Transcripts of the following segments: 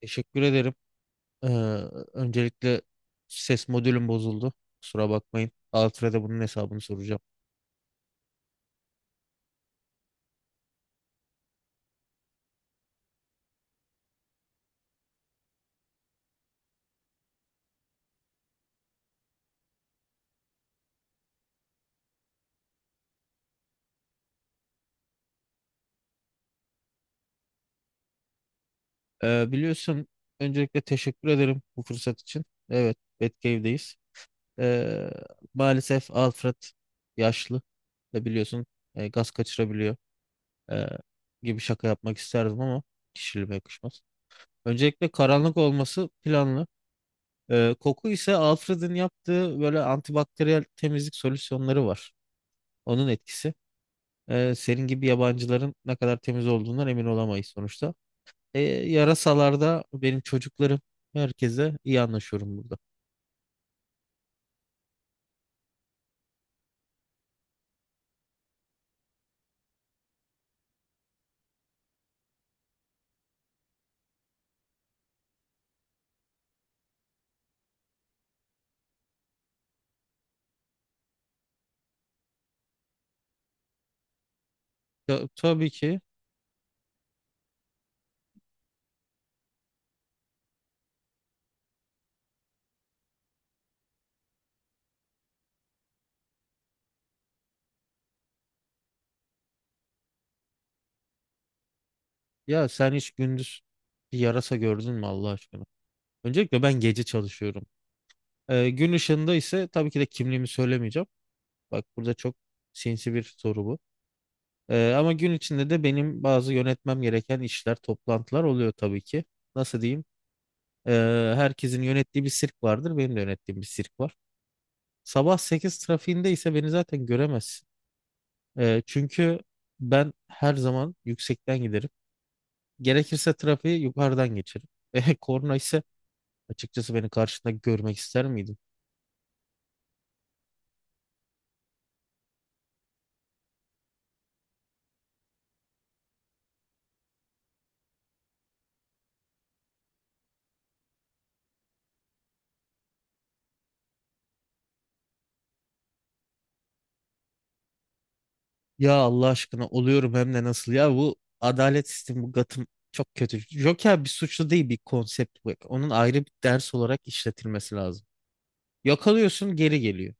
Teşekkür ederim. Ee, öncelikle ses modülüm bozuldu. Kusura bakmayın. Alfred'e bunun hesabını soracağım. Biliyorsun öncelikle teşekkür ederim bu fırsat için. Evet, Batcave'deyiz. Ee, maalesef Alfred yaşlı ve biliyorsun gaz kaçırabiliyor Ee, gibi şaka yapmak isterdim ama kişiliğime yakışmaz. Öncelikle karanlık olması planlı. Koku ise Alfred'in yaptığı böyle antibakteriyel temizlik solüsyonları var. Onun etkisi. Senin gibi yabancıların ne kadar temiz olduğundan emin olamayız sonuçta. Yarasalarda benim çocuklarım, herkese iyi anlaşıyorum burada. Ya, tabii ki. Ya sen hiç gündüz bir yarasa gördün mü Allah aşkına? Öncelikle ben gece çalışıyorum. Gün ışığında ise tabii ki de kimliğimi söylemeyeceğim. Bak, burada çok sinsi bir soru bu. Ama gün içinde de benim bazı yönetmem gereken işler, toplantılar oluyor tabii ki. Nasıl diyeyim? E, Herkesin yönettiği bir sirk vardır. Benim de yönettiğim bir sirk var. Sabah 8 trafiğinde ise beni zaten göremezsin. Çünkü ben her zaman yüksekten giderim. Gerekirse trafiği yukarıdan geçerim. Korna ise açıkçası beni karşında görmek ister miydin? Ya Allah aşkına, oluyorum hem de nasıl ya. Bu adalet sistemi, bu Gotham çok kötü. Joker bir suçlu değil, bir konsept bu. Onun ayrı bir ders olarak işletilmesi lazım. Yakalıyorsun, geri geliyor.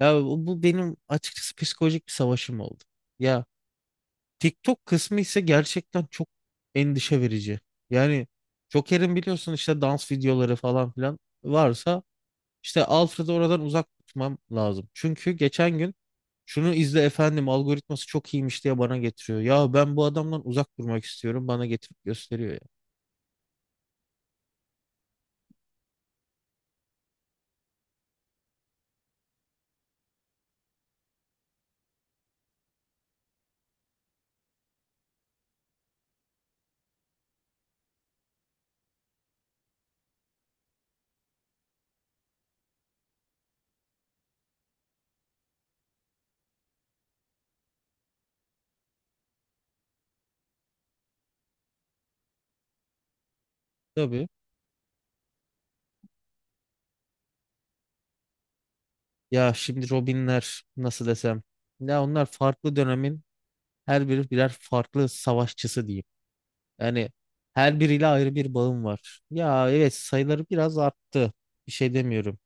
Ya bu benim açıkçası psikolojik bir savaşım oldu. Ya, TikTok kısmı ise gerçekten çok endişe verici. Yani Joker'in biliyorsun işte dans videoları falan filan varsa, işte Alfred'i oradan uzak tutmam lazım. Çünkü geçen gün "şunu izle efendim, algoritması çok iyiymiş" diye bana getiriyor. Ya ben bu adamdan uzak durmak istiyorum, bana getirip gösteriyor ya. Tabii. Ya şimdi Robinler nasıl desem. Ya onlar farklı dönemin, her biri birer farklı savaşçısı diyeyim. Yani her biriyle ayrı bir bağım var. Ya evet, sayıları biraz arttı. Bir şey demiyorum.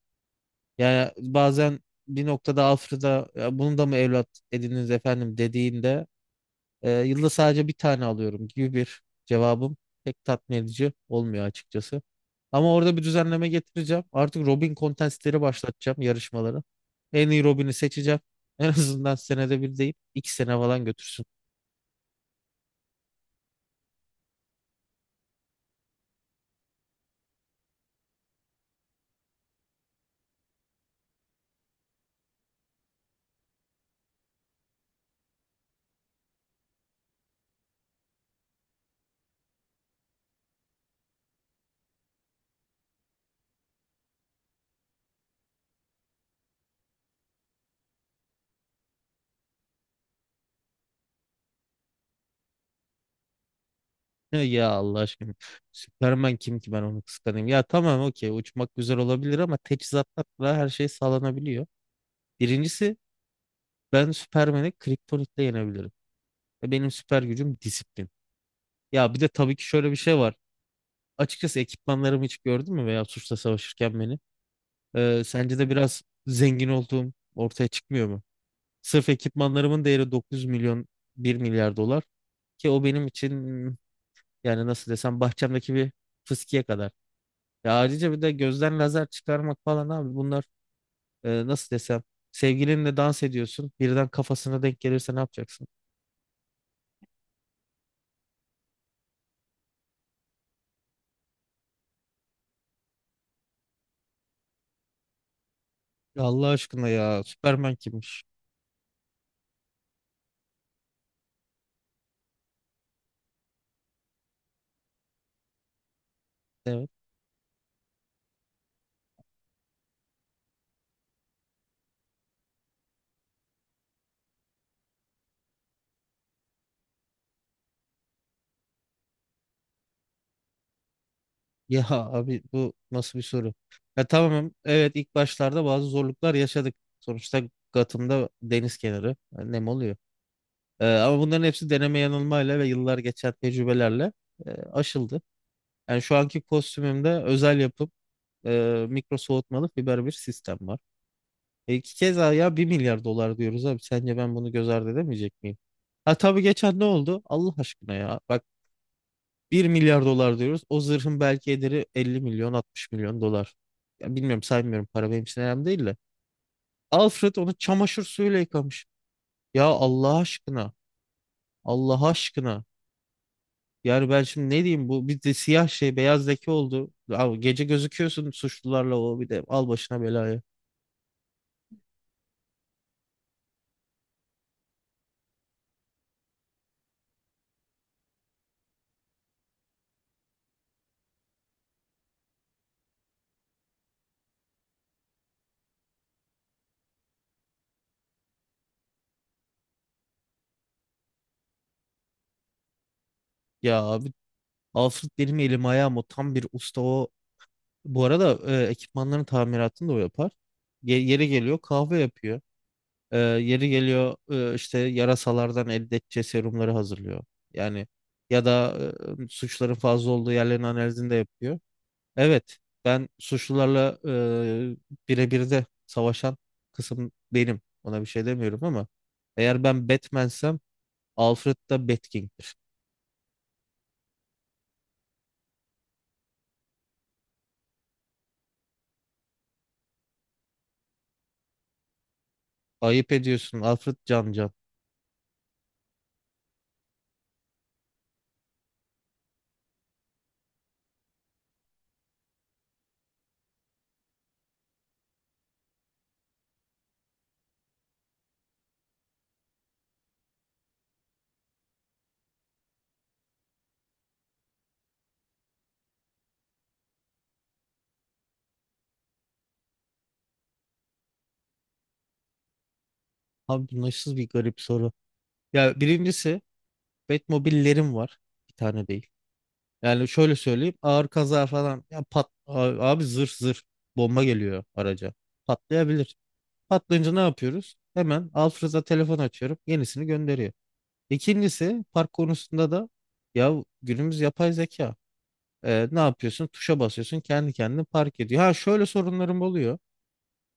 Yani bazen bir noktada Alfred'a "Ya bunu da mı evlat edindiniz efendim?" dediğinde, "yılda sadece bir tane alıyorum" gibi bir cevabım pek tatmin edici olmuyor açıkçası. Ama orada bir düzenleme getireceğim. Artık Robin kontestleri başlatacağım, yarışmaları. En iyi Robin'i seçeceğim. En azından senede bir değil, iki sene falan götürsün. Ne ya, Allah aşkına. Superman kim ki ben onu kıskanayım? Ya tamam, okey, uçmak güzel olabilir ama teçhizatla her şey sağlanabiliyor. Birincisi, ben Superman'i kriptonitle yenebilirim. Ve benim süper gücüm disiplin. Ya bir de tabii ki şöyle bir şey var. Açıkçası ekipmanlarımı hiç gördün mü, veya suçla savaşırken beni? Sence de biraz zengin olduğum ortaya çıkmıyor mu? Sırf ekipmanlarımın değeri 900 milyon, bir milyar dolar, ki o benim için yani nasıl desem, bahçemdeki bir fıskiye kadar. Ya ayrıca bir de gözden lazer çıkarmak falan abi, bunlar nasıl desem, sevgilinle dans ediyorsun, birden kafasına denk gelirse ne yapacaksın? Ya Allah aşkına ya, Superman kimmiş? Evet. Ya, abi bu nasıl bir soru? Ya tamam, evet, ilk başlarda bazı zorluklar yaşadık. Sonuçta Gotham'da deniz kenarı, nem oluyor. Ama bunların hepsi deneme yanılmayla ve yıllar geçen tecrübelerle aşıldı. Yani şu anki kostümümde özel yapım mikro soğutmalı fiber bir sistem var. E iki kez daha ya, 1 milyar dolar diyoruz abi. Sence ben bunu göz ardı edemeyecek miyim? Ha tabii, geçen ne oldu? Allah aşkına ya. Bak, bir milyar dolar diyoruz. O zırhın belki ederi 50 milyon, 60 milyon dolar. Ya bilmiyorum, saymıyorum, para benim için önemli değil de. Alfred onu çamaşır suyuyla yıkamış. Ya Allah aşkına. Allah aşkına. Yani ben şimdi ne diyeyim, bu bir de siyah şey, beyaz leke oldu. Abi gece gözüküyorsun suçlularla, o bir de al başına belayı. Ya abi, Alfred benim elim ayağım, o tam bir usta o. Bu arada ekipmanların tamiratını da o yapar. Yeri geliyor kahve yapıyor. Yeri geliyor işte yarasalardan elde edeceği serumları hazırlıyor. Yani ya da suçların fazla olduğu yerlerin analizini de yapıyor. Evet, ben suçlularla birebir de savaşan kısım benim. Ona bir şey demiyorum ama eğer ben Batman'sem, Alfred da Batging'dir. Ayıp ediyorsun Alfred Can Can. Abi bu nasıl bir garip soru. Ya birincisi, Batmobillerim var. Bir tane değil. Yani şöyle söyleyeyim, ağır kaza falan ya, pat abi, abi, zırh zırh, bomba geliyor araca. Patlayabilir. Patlayınca ne yapıyoruz? Hemen Alfred'a telefon açıyorum. Yenisini gönderiyor. İkincisi, park konusunda da ya günümüz yapay zeka. Ne yapıyorsun? Tuşa basıyorsun, kendi kendine park ediyor. Ha şöyle sorunlarım oluyor.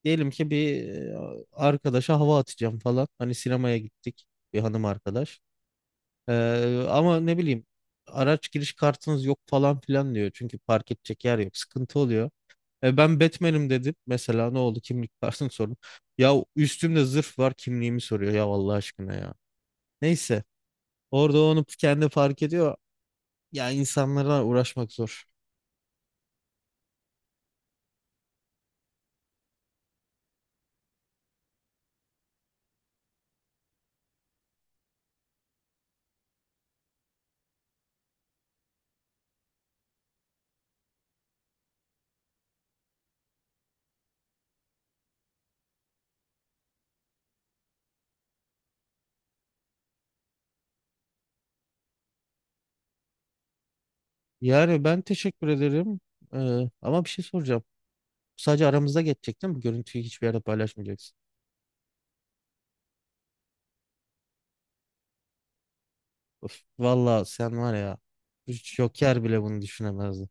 Diyelim ki bir arkadaşa hava atacağım falan. Hani sinemaya gittik bir hanım arkadaş. Ama ne bileyim, "araç giriş kartınız yok" falan filan diyor. Çünkü park edecek yer yok. Sıkıntı oluyor. E, ben Batman'im dedim. Mesela ne oldu? Kimlik kartını sordum. Ya üstümde zırh var, kimliğimi soruyor ya, Allah aşkına ya. Neyse. Orada onu kendi fark ediyor. Ya insanlara uğraşmak zor. Yani ben teşekkür ederim. Ee, Ama bir şey soracağım. Sadece aramızda geçecek değil mi? Görüntüyü hiçbir yerde paylaşmayacaksın. Of, valla sen var ya. Joker bile bunu düşünemezdi.